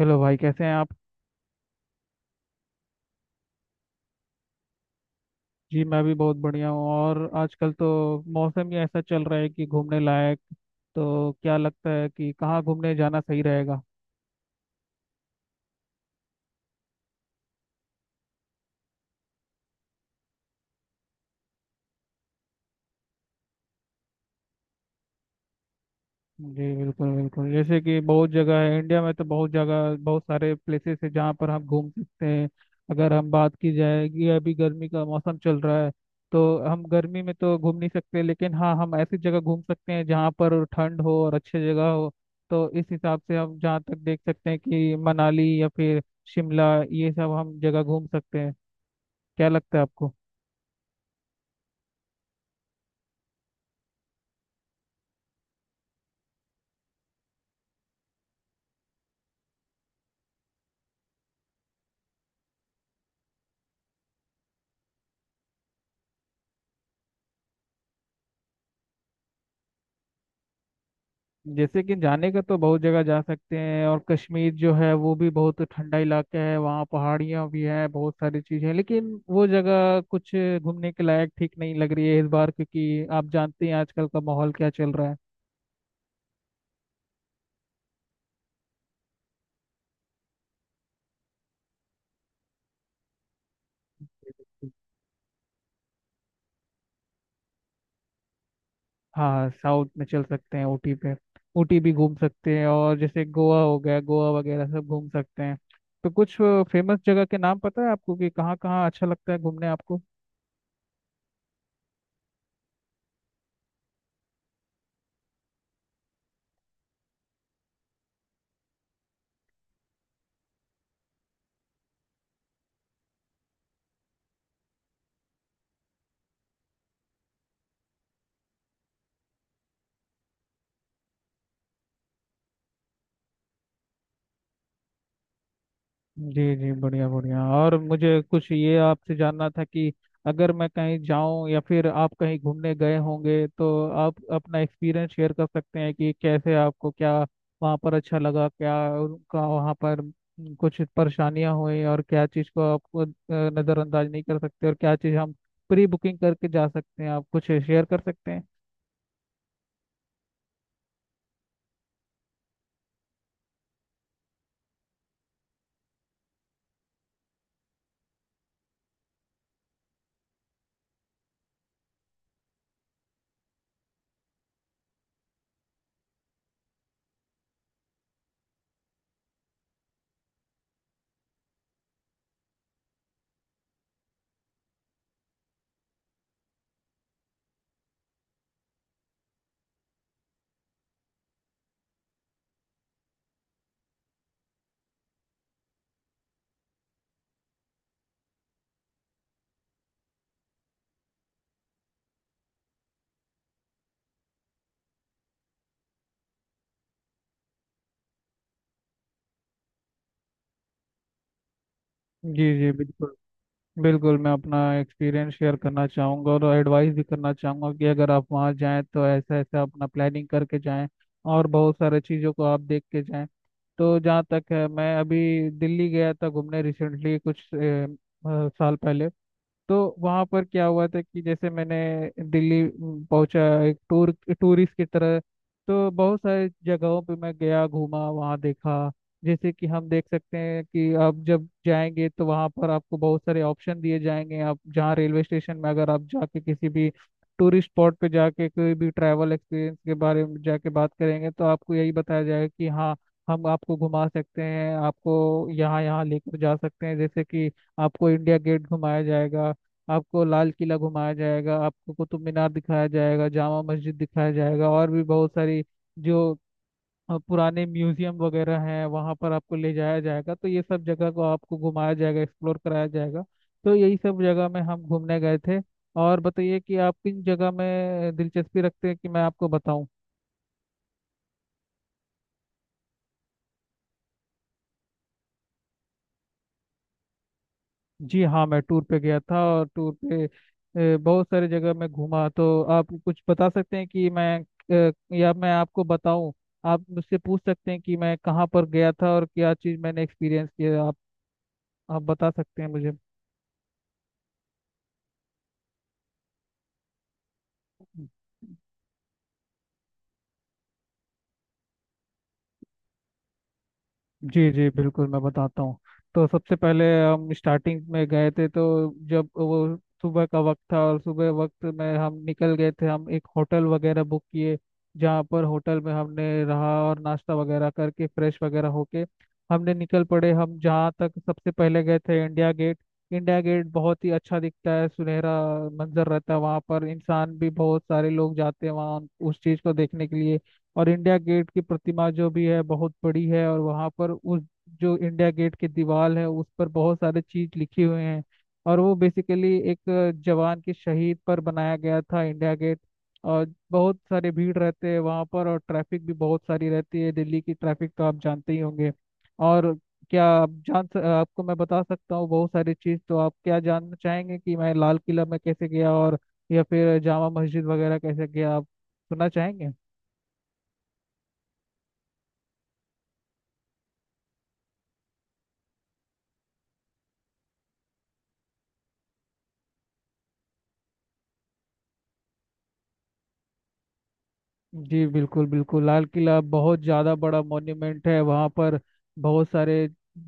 Hello भाई, कैसे हैं आप। जी मैं भी बहुत बढ़िया हूँ। और आजकल तो मौसम ही ऐसा चल रहा है कि घूमने लायक। तो क्या लगता है कि कहाँ घूमने जाना सही रहेगा। जी बिल्कुल बिल्कुल, जैसे कि बहुत जगह है इंडिया में, तो बहुत जगह, बहुत सारे प्लेसेस है जहाँ पर हम घूम सकते हैं। अगर हम बात की जाए कि अभी गर्मी का मौसम चल रहा है, तो हम गर्मी में तो घूम नहीं सकते, लेकिन हाँ हम ऐसी जगह घूम सकते हैं जहाँ पर ठंड हो और अच्छी जगह हो। तो इस हिसाब से हम जहाँ तक देख सकते हैं कि मनाली या फिर शिमला, ये सब हम जगह घूम सकते हैं। क्या लगता है आपको। जैसे कि जाने का तो बहुत जगह जा सकते हैं, और कश्मीर जो है वो भी बहुत ठंडा इलाका है, वहाँ पहाड़ियाँ भी हैं, बहुत सारी चीज़ें हैं, लेकिन वो जगह कुछ घूमने के लायक ठीक नहीं लग रही है इस बार, क्योंकि आप जानते हैं आजकल का माहौल क्या चल रहा है। हाँ, साउथ में चल सकते हैं, ऊटी पे। ऊटी भी घूम सकते हैं, और जैसे गोवा हो गया, गोवा वगैरह सब घूम सकते हैं। तो कुछ फेमस जगह के नाम पता है आपको कि कहाँ कहाँ अच्छा लगता है घूमने आपको। जी जी बढ़िया बढ़िया। और मुझे कुछ ये आपसे जानना था कि अगर मैं कहीं जाऊं या फिर आप कहीं घूमने गए होंगे, तो आप अपना एक्सपीरियंस शेयर कर सकते हैं कि कैसे आपको क्या वहां पर अच्छा लगा, क्या उनका वहां पर कुछ परेशानियां हुई, और क्या चीज़ को आपको नज़रअंदाज नहीं कर सकते, और क्या चीज़ हम प्री बुकिंग करके जा सकते हैं। आप कुछ शेयर कर सकते हैं। जी जी बिल्कुल बिल्कुल, मैं अपना एक्सपीरियंस शेयर करना चाहूँगा और एडवाइस भी करना चाहूँगा कि अगर आप वहाँ जाएं तो ऐसा ऐसा अपना प्लानिंग करके जाएं, और बहुत सारे चीज़ों को आप देख के जाएं। तो जहाँ तक है, मैं अभी दिल्ली गया था घूमने, रिसेंटली कुछ साल पहले। तो वहाँ पर क्या हुआ था कि जैसे मैंने दिल्ली पहुंचा, एक टूर टूरिस्ट की तरह। तो बहुत सारे जगहों पे मैं गया, घूमा वहाँ, देखा। जैसे कि हम देख सकते हैं कि आप जब जाएंगे तो वहाँ पर आपको बहुत सारे ऑप्शन दिए जाएंगे। आप जहाँ रेलवे स्टेशन में अगर आप जाके किसी भी टूरिस्ट स्पॉट पे जाके कोई भी ट्रैवल एक्सपीरियंस के बारे में जाके बात करेंगे, तो आपको यही बताया जाएगा कि हाँ हम आपको घुमा सकते हैं, आपको यहाँ यहाँ लेकर जा सकते हैं। जैसे कि आपको इंडिया गेट घुमाया जाएगा, आपको लाल किला घुमाया जाएगा, आपको कुतुब मीनार दिखाया जाएगा, जामा मस्जिद दिखाया जाएगा, और भी बहुत सारी जो पुराने म्यूजियम वगैरह हैं वहाँ पर आपको ले जाया जाएगा। तो ये सब जगह को आपको घुमाया जाएगा, एक्सप्लोर कराया जाएगा। तो यही सब जगह में हम घूमने गए थे। और बताइए कि आप किन जगह में दिलचस्पी रखते हैं कि मैं आपको बताऊं। जी हाँ, मैं टूर पे गया था। और टूर पे बहुत सारी जगह मैं घूमा। तो आप कुछ बता सकते हैं कि मैं या मैं आपको बताऊं। आप मुझसे पूछ सकते हैं कि मैं कहाँ पर गया था और क्या चीज़ मैंने एक्सपीरियंस किया। आप बता सकते हैं मुझे। जी जी बिल्कुल, मैं बताता हूँ। तो सबसे पहले हम स्टार्टिंग में गए थे, तो जब वो सुबह का वक्त था और सुबह वक्त में हम निकल गए थे, हम एक होटल वगैरह बुक किए, जहाँ पर होटल में हमने रहा, और नाश्ता वगैरह करके फ्रेश वगैरह होके हमने निकल पड़े। हम जहाँ तक सबसे पहले गए थे, इंडिया गेट। इंडिया गेट बहुत ही अच्छा दिखता है, सुनहरा मंजर रहता है वहाँ पर। इंसान भी बहुत सारे लोग जाते हैं वहाँ उस चीज़ को देखने के लिए। और इंडिया गेट की प्रतिमा जो भी है बहुत बड़ी है, और वहाँ पर उस, जो इंडिया गेट की दीवार है, उस पर बहुत सारे चीज लिखे हुए हैं, और वो बेसिकली एक जवान के शहीद पर बनाया गया था इंडिया गेट। और बहुत सारे भीड़ रहते हैं वहाँ पर, और ट्रैफिक भी बहुत सारी रहती है, दिल्ली की ट्रैफिक तो आप जानते ही होंगे। और क्या आप आपको मैं बता सकता हूँ बहुत सारी चीज़। तो आप क्या जानना चाहेंगे कि मैं लाल किला में कैसे गया, और या फिर जामा मस्जिद वगैरह कैसे गया। आप सुनना चाहेंगे। जी बिल्कुल बिल्कुल, लाल किला बहुत ज़्यादा बड़ा मॉन्यूमेंट है। वहाँ पर बहुत सारे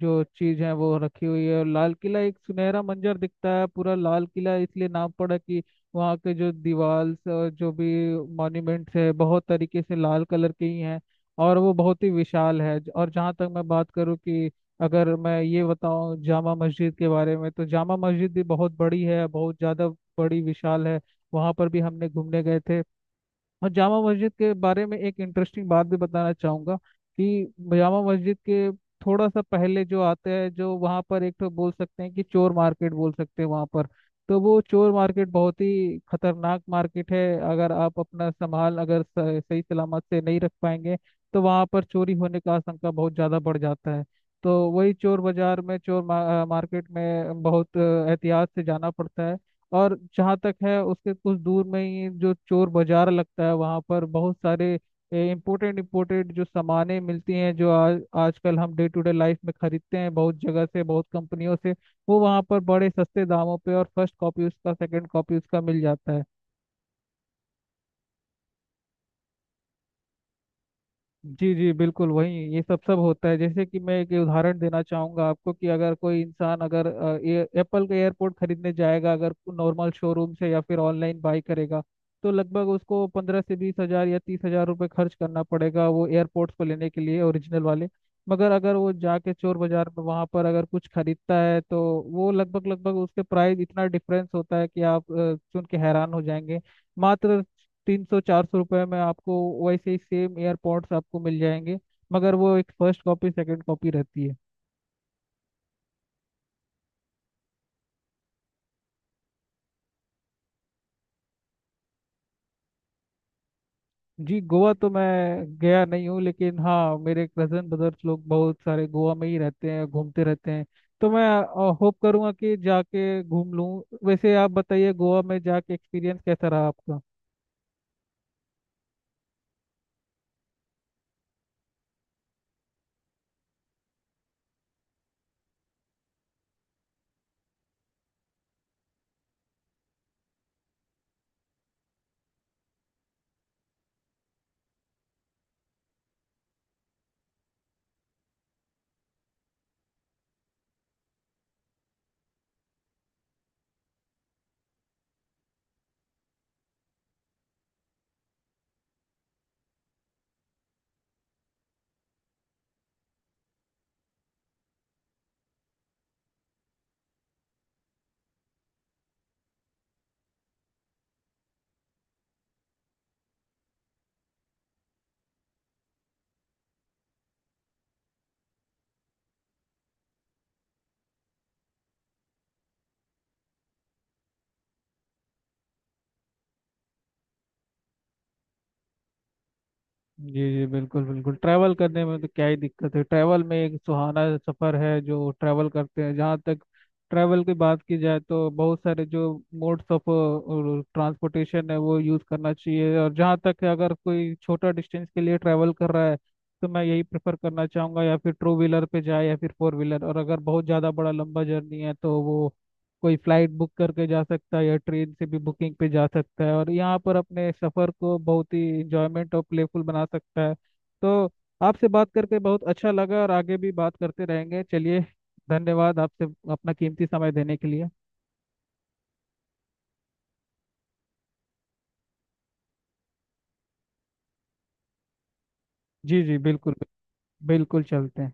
जो चीज़ हैं वो रखी हुई है, और लाल किला एक सुनहरा मंजर दिखता है। पूरा लाल किला इसलिए नाम पड़ा कि वहाँ के जो दीवार और जो भी मॉन्यूमेंट्स है बहुत तरीके से लाल कलर के ही हैं, और वो बहुत ही विशाल है। और जहाँ तक मैं बात करूँ कि अगर मैं ये बताऊँ जामा मस्जिद के बारे में, तो जामा मस्जिद भी बहुत बड़ी है, बहुत ज़्यादा बड़ी विशाल है। वहाँ पर भी हमने घूमने गए थे। और जामा मस्जिद के बारे में एक इंटरेस्टिंग बात भी बताना चाहूँगा कि जामा मस्जिद के थोड़ा सा पहले जो आता है, जो वहाँ पर एक तो बोल सकते हैं कि चोर मार्केट बोल सकते हैं वहाँ पर। तो वो चोर मार्केट बहुत ही खतरनाक मार्केट है। अगर आप अपना संभाल अगर स- सही सलामत से नहीं रख पाएंगे, तो वहाँ पर चोरी होने का आशंका बहुत ज़्यादा बढ़ जाता है। तो वही चोर बाजार में, चोर मार्केट में बहुत एहतियात से जाना पड़ता है। और जहाँ तक है, उसके कुछ दूर में ही जो चोर बाजार लगता है वहाँ पर बहुत सारे इम्पोर्टेंट इम्पोर्टेंट जो सामानें मिलती हैं, जो आज आजकल हम डे टू डे लाइफ में खरीदते हैं, बहुत जगह से, बहुत कंपनियों से, वो वहाँ पर बड़े सस्ते दामों पे, और फर्स्ट कॉपी उसका, सेकंड कॉपी उसका मिल जाता है। जी जी बिल्कुल वही ये सब सब होता है। जैसे कि मैं एक उदाहरण देना चाहूंगा आपको कि अगर कोई इंसान, अगर अ, ये एप्पल का एयरपोर्ट खरीदने जाएगा, अगर नॉर्मल शोरूम से या फिर ऑनलाइन बाई करेगा, तो लगभग उसको 15 से 20 हजार या 30 हजार रुपये खर्च करना पड़ेगा वो एयरपोर्ट्स को लेने के लिए, ओरिजिनल वाले। मगर अगर वो जाके चोर बाजार में वहाँ पर अगर कुछ खरीदता है, तो वो लगभग लगभग उसके प्राइस इतना डिफरेंस होता है कि आप सुन के हैरान हो जाएंगे। मात्र 300 400 रुपये में आपको वैसे ही सेम एयरपॉड्स आपको मिल जाएंगे, मगर वो एक फर्स्ट कॉपी सेकंड कॉपी रहती है। जी गोवा तो मैं गया नहीं हूँ, लेकिन हाँ मेरे कजन ब्रदर्स लोग बहुत सारे गोवा में ही रहते हैं, घूमते रहते हैं। तो मैं होप करूँगा कि जाके घूम लूँ। वैसे आप बताइए, गोवा में जाके एक्सपीरियंस कैसा रहा आपका। जी जी बिल्कुल बिल्कुल, ट्रैवल करने में तो क्या ही दिक्कत है। ट्रैवल में एक सुहाना सफ़र है जो ट्रैवल करते हैं। जहाँ तक ट्रैवल की बात की जाए, तो बहुत सारे जो मोड्स ऑफ ट्रांसपोर्टेशन है वो यूज़ करना चाहिए। और जहाँ तक है, अगर कोई छोटा डिस्टेंस के लिए ट्रैवल कर रहा है, तो मैं यही प्रेफर करना चाहूँगा या फिर टू व्हीलर पे जाए या फिर फोर व्हीलर, और अगर बहुत ज़्यादा बड़ा लंबा जर्नी है तो वो कोई फ्लाइट बुक करके जा सकता है या ट्रेन से भी बुकिंग पे जा सकता है, और यहाँ पर अपने सफ़र को बहुत ही इंजॉयमेंट और प्लेफुल बना सकता है। तो आपसे बात करके बहुत अच्छा लगा, और आगे भी बात करते रहेंगे। चलिए, धन्यवाद आपसे, अपना कीमती समय देने के लिए। जी जी बिल्कुल बिल्कुल, चलते हैं।